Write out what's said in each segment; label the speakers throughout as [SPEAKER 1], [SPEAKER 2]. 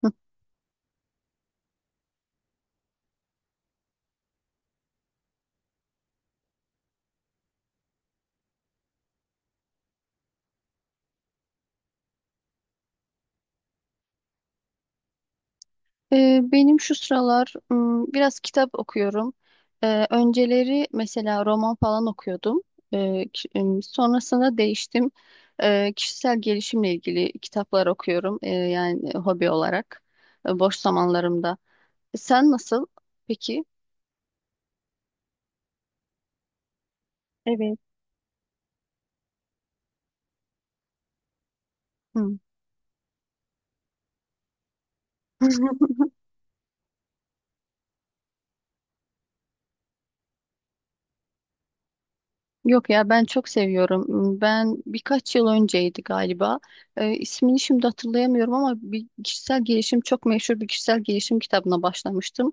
[SPEAKER 1] Hı. Benim şu sıralar biraz kitap okuyorum. Önceleri mesela roman falan okuyordum. Sonrasında değiştim. Kişisel gelişimle ilgili kitaplar okuyorum. Yani hobi olarak boş zamanlarımda. Sen nasıl? Peki. Evet. Hı. Yok ya, ben çok seviyorum. Ben birkaç yıl önceydi galiba. İsmini şimdi hatırlayamıyorum ama bir kişisel gelişim çok meşhur bir kişisel gelişim kitabına başlamıştım.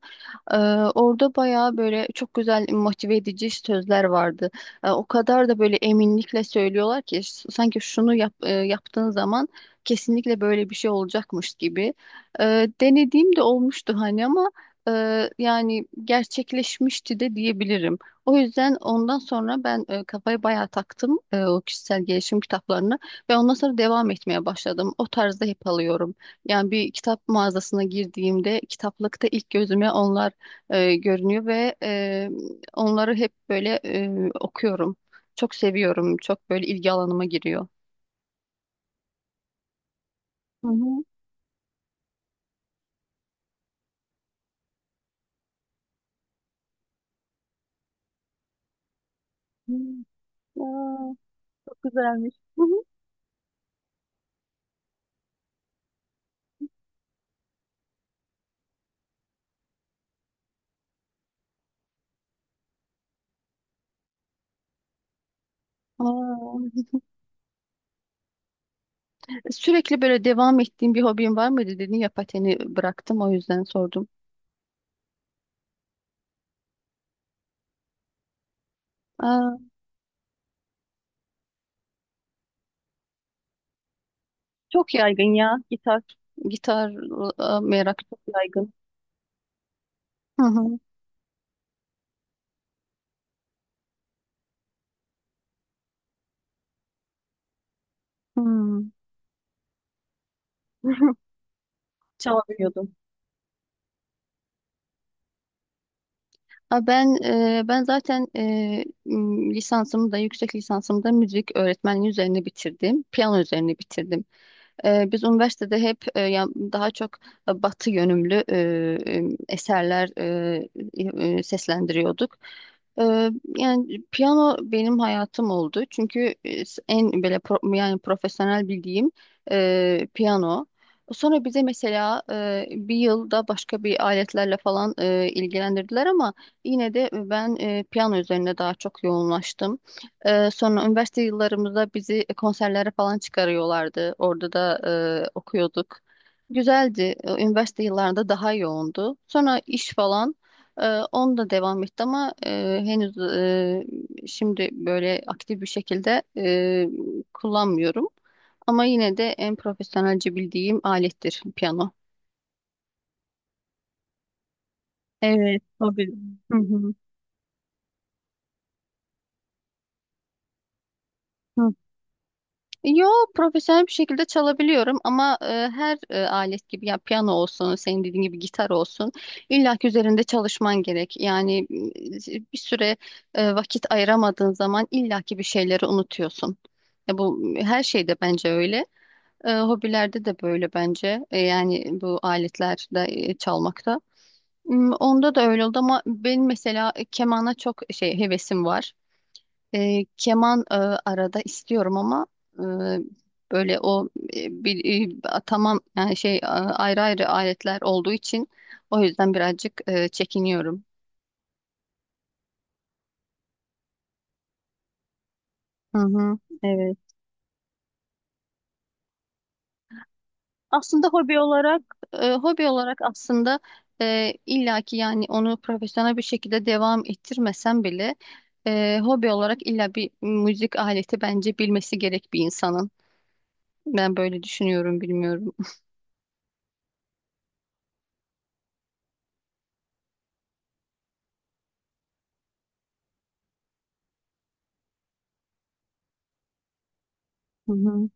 [SPEAKER 1] Ee, Orada bayağı böyle çok güzel motive edici sözler vardı. O kadar da böyle eminlikle söylüyorlar ki sanki şunu yap, yaptığın zaman kesinlikle böyle bir şey olacakmış gibi. Denediğim de olmuştu hani ama e, yani gerçekleşmişti de diyebilirim. O yüzden ondan sonra ben kafayı bayağı taktım, o kişisel gelişim kitaplarına ve ondan sonra devam etmeye başladım. O tarzda hep alıyorum. Yani bir kitap mağazasına girdiğimde kitaplıkta ilk gözüme onlar görünüyor ve onları hep böyle okuyorum. Çok seviyorum. Çok böyle ilgi alanıma giriyor. Hı hı. Hı. Aa, çok güzelmiş. Hı hı. Aa, sürekli böyle devam ettiğim bir hobin var mıydı dedin ya, pateni bıraktım, o yüzden sordum. Aa, çok yaygın ya gitar. Gitar merakı çok yaygın. Hı hı. Hmm. Çalabiliyordum. Ha, ben zaten lisansımı da yüksek lisansımı da müzik öğretmenliği üzerine bitirdim. Piyano üzerine bitirdim. Biz üniversitede hep daha çok batı yönümlü e, eserler seslendiriyorduk. Ee, Yani piyano benim hayatım oldu. Çünkü en böyle yani profesyonel bildiğim piyano. Sonra bize mesela bir yılda başka bir aletlerle falan ilgilendirdiler ama yine de ben piyano üzerine daha çok yoğunlaştım. Sonra üniversite yıllarımızda bizi konserlere falan çıkarıyorlardı. Orada da okuyorduk. Güzeldi. Üniversite yıllarında daha yoğundu. Sonra iş falan e, onu da devam etti ama henüz şimdi böyle aktif bir şekilde kullanmıyorum. Ama yine de en profesyonelce bildiğim alettir piyano. Evet, tabii. Hı hı. Hı. Yo, profesyonel bir şekilde çalabiliyorum ama her alet gibi, ya piyano olsun, senin dediğin gibi gitar olsun, illa ki üzerinde çalışman gerek. Yani bir süre vakit ayıramadığın zaman illa ki bir şeyleri unutuyorsun. Ya bu her şeyde bence öyle. Hobilerde de böyle bence. Yani bu aletlerde çalmakta. Onda da öyle oldu ama benim mesela kemana çok hevesim var. Keman arada istiyorum ama e, böyle o e, bir, e, tamam, yani ayrı ayrı aletler olduğu için o yüzden birazcık çekiniyorum. Hı hı, evet. Aslında hobi olarak e, Hobi olarak aslında illaki, yani onu profesyonel bir şekilde devam ettirmesem bile hobi olarak illa bir müzik aleti bence bilmesi gerek bir insanın. Ben böyle düşünüyorum, bilmiyorum. Hı hı.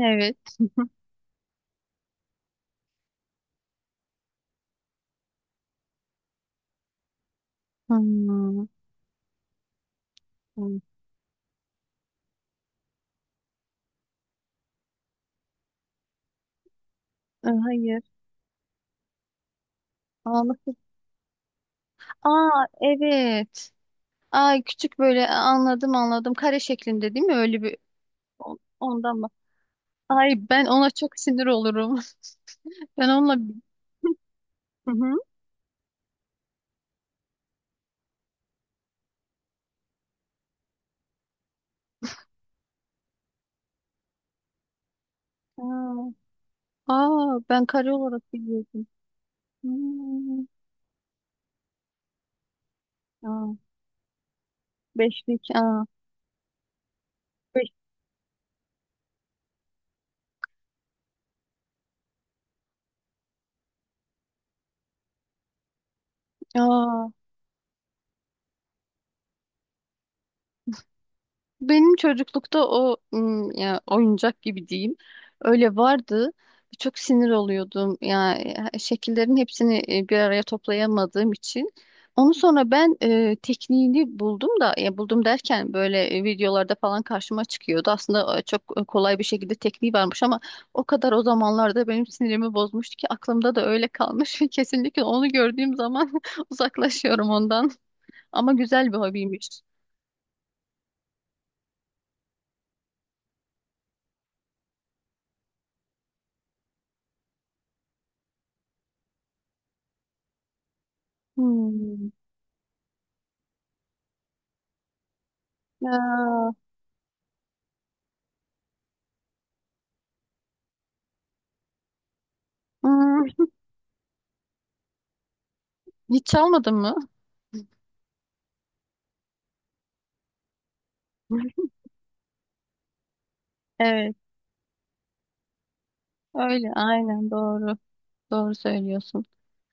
[SPEAKER 1] Evet. Hmm. Hmm. Hayır. Ağlısı. Aa, evet. Ay, küçük, böyle anladım anladım. Kare şeklinde değil mi? Öyle bir. Ondan mı? Ay, ben ona çok sinir olurum. Ben onunla. Hı hı. Aa, aa, ben kare olarak biliyordum. Hmm. Aa, beşlik. Aa. Beş. Aa. Benim çocuklukta o ya, oyuncak gibi diyeyim. Öyle vardı. Çok sinir oluyordum. Ya, şekillerin hepsini bir araya toplayamadığım için. Onu sonra ben tekniğini buldum, da ya buldum derken böyle videolarda falan karşıma çıkıyordu. Aslında çok kolay bir şekilde tekniği varmış ama o kadar o zamanlarda benim sinirimi bozmuştu ki aklımda da öyle kalmış. Kesinlikle onu gördüğüm zaman uzaklaşıyorum ondan. Ama güzel bir hobiymiş. Hmm. Ya. Hmm, hiç çalmadın mı? Evet, öyle aynen doğru. Doğru söylüyorsun.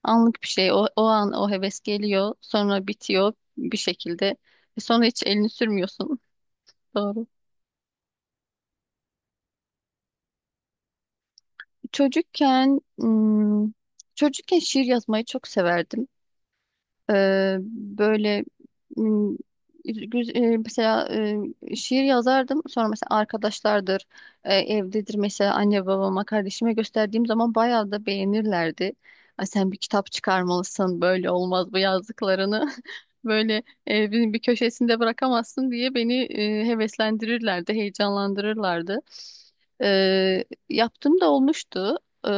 [SPEAKER 1] Anlık bir şey. O an o heves geliyor, sonra bitiyor bir şekilde. Sonra hiç elini sürmüyorsun. Doğru. Çocukken hmm, Çocukken şiir yazmayı çok severdim. Böyle, Hmm, mesela şiir yazardım. Sonra mesela arkadaşlardır, evdedir, mesela anne babama, kardeşime gösterdiğim zaman bayağı da beğenirlerdi. Ay, sen bir kitap çıkarmalısın, böyle olmaz bu yazdıklarını. Böyle evin bir köşesinde bırakamazsın diye beni heveslendirirlerdi, heyecanlandırırlardı. E, Yaptığım da olmuştu. E,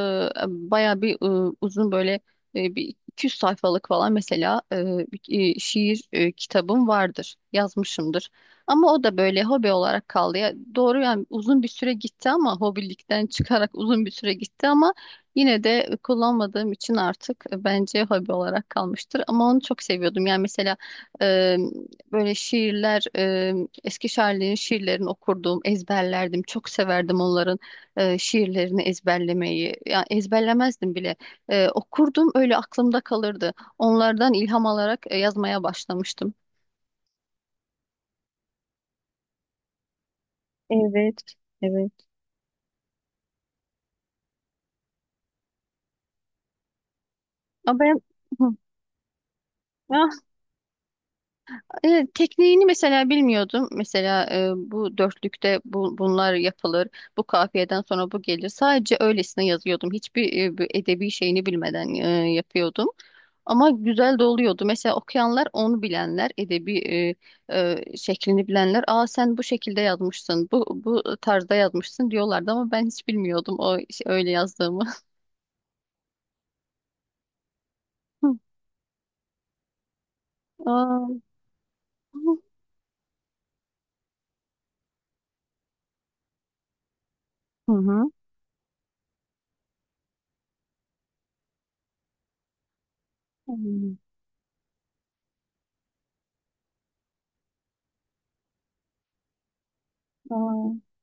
[SPEAKER 1] Bayağı bir uzun, böyle bir 200 sayfalık falan, mesela bir- şiir kitabım vardır. Yazmışımdır. Ama o da böyle hobi olarak kaldı. Ya, doğru, yani uzun bir süre gitti ama hobilikten çıkarak uzun bir süre gitti ama yine de kullanmadığım için artık bence hobi olarak kalmıştır. Ama onu çok seviyordum. Yani mesela e, böyle şiirler, eski şairlerin şiirlerini okurdum, ezberlerdim. Çok severdim onların şiirlerini ezberlemeyi. Yani ezberlemezdim bile, okurdum, öyle aklımda kalırdı. Onlardan ilham alarak yazmaya başlamıştım. Evet, evet. Ama ben. Hı. Ah, evet, tekniğini mesela bilmiyordum. Mesela bu dörtlükte bunlar yapılır. Bu kafiyeden sonra bu gelir. Sadece öylesine yazıyordum. Hiçbir bir edebi şeyini bilmeden yapıyordum. Ama güzel de oluyordu. Mesela okuyanlar, onu bilenler, edebi şeklini bilenler, "Aa, sen bu şekilde yazmışsın, bu tarzda yazmışsın" diyorlardı ama ben hiç bilmiyordum öyle yazdığımı. Aa. Hı hı. Hmm. Aa.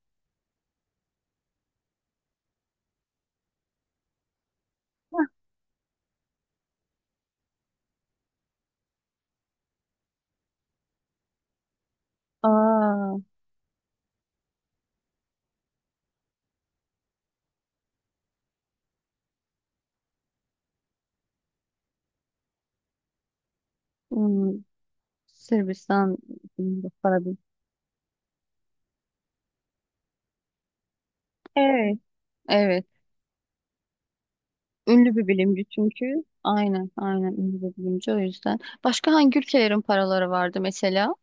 [SPEAKER 1] Aa. Hmm. Sırbistan, bilimci, Farabi. Evet. Evet. Ünlü bir bilimci çünkü. Aynen, aynen ünlü bir bilimci o yüzden. Başka hangi ülkelerin paraları vardı mesela?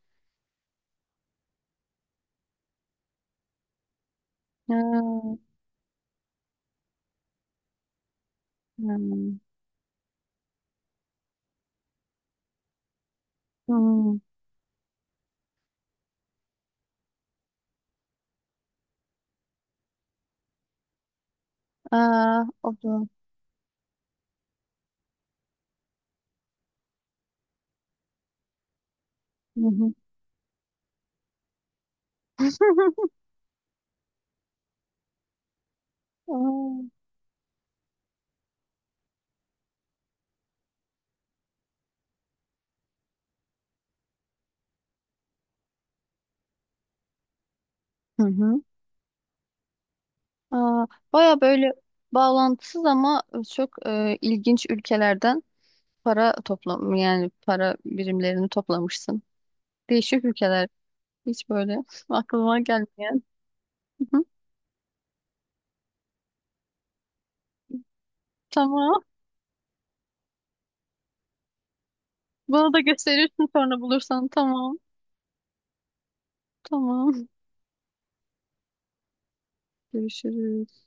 [SPEAKER 1] Ha, hmm. Hmm. Aa, o da. Hı hı. Aa, hı hı. Aa, baya böyle bağlantısız ama çok ilginç ülkelerden para toplam, yani para birimlerini toplamışsın. Değişik ülkeler. Hiç böyle aklıma gelmeyen. Hı hı. Tamam. Bana da gösterirsin sonra bulursan. Tamam. Tamam. Görüşürüz.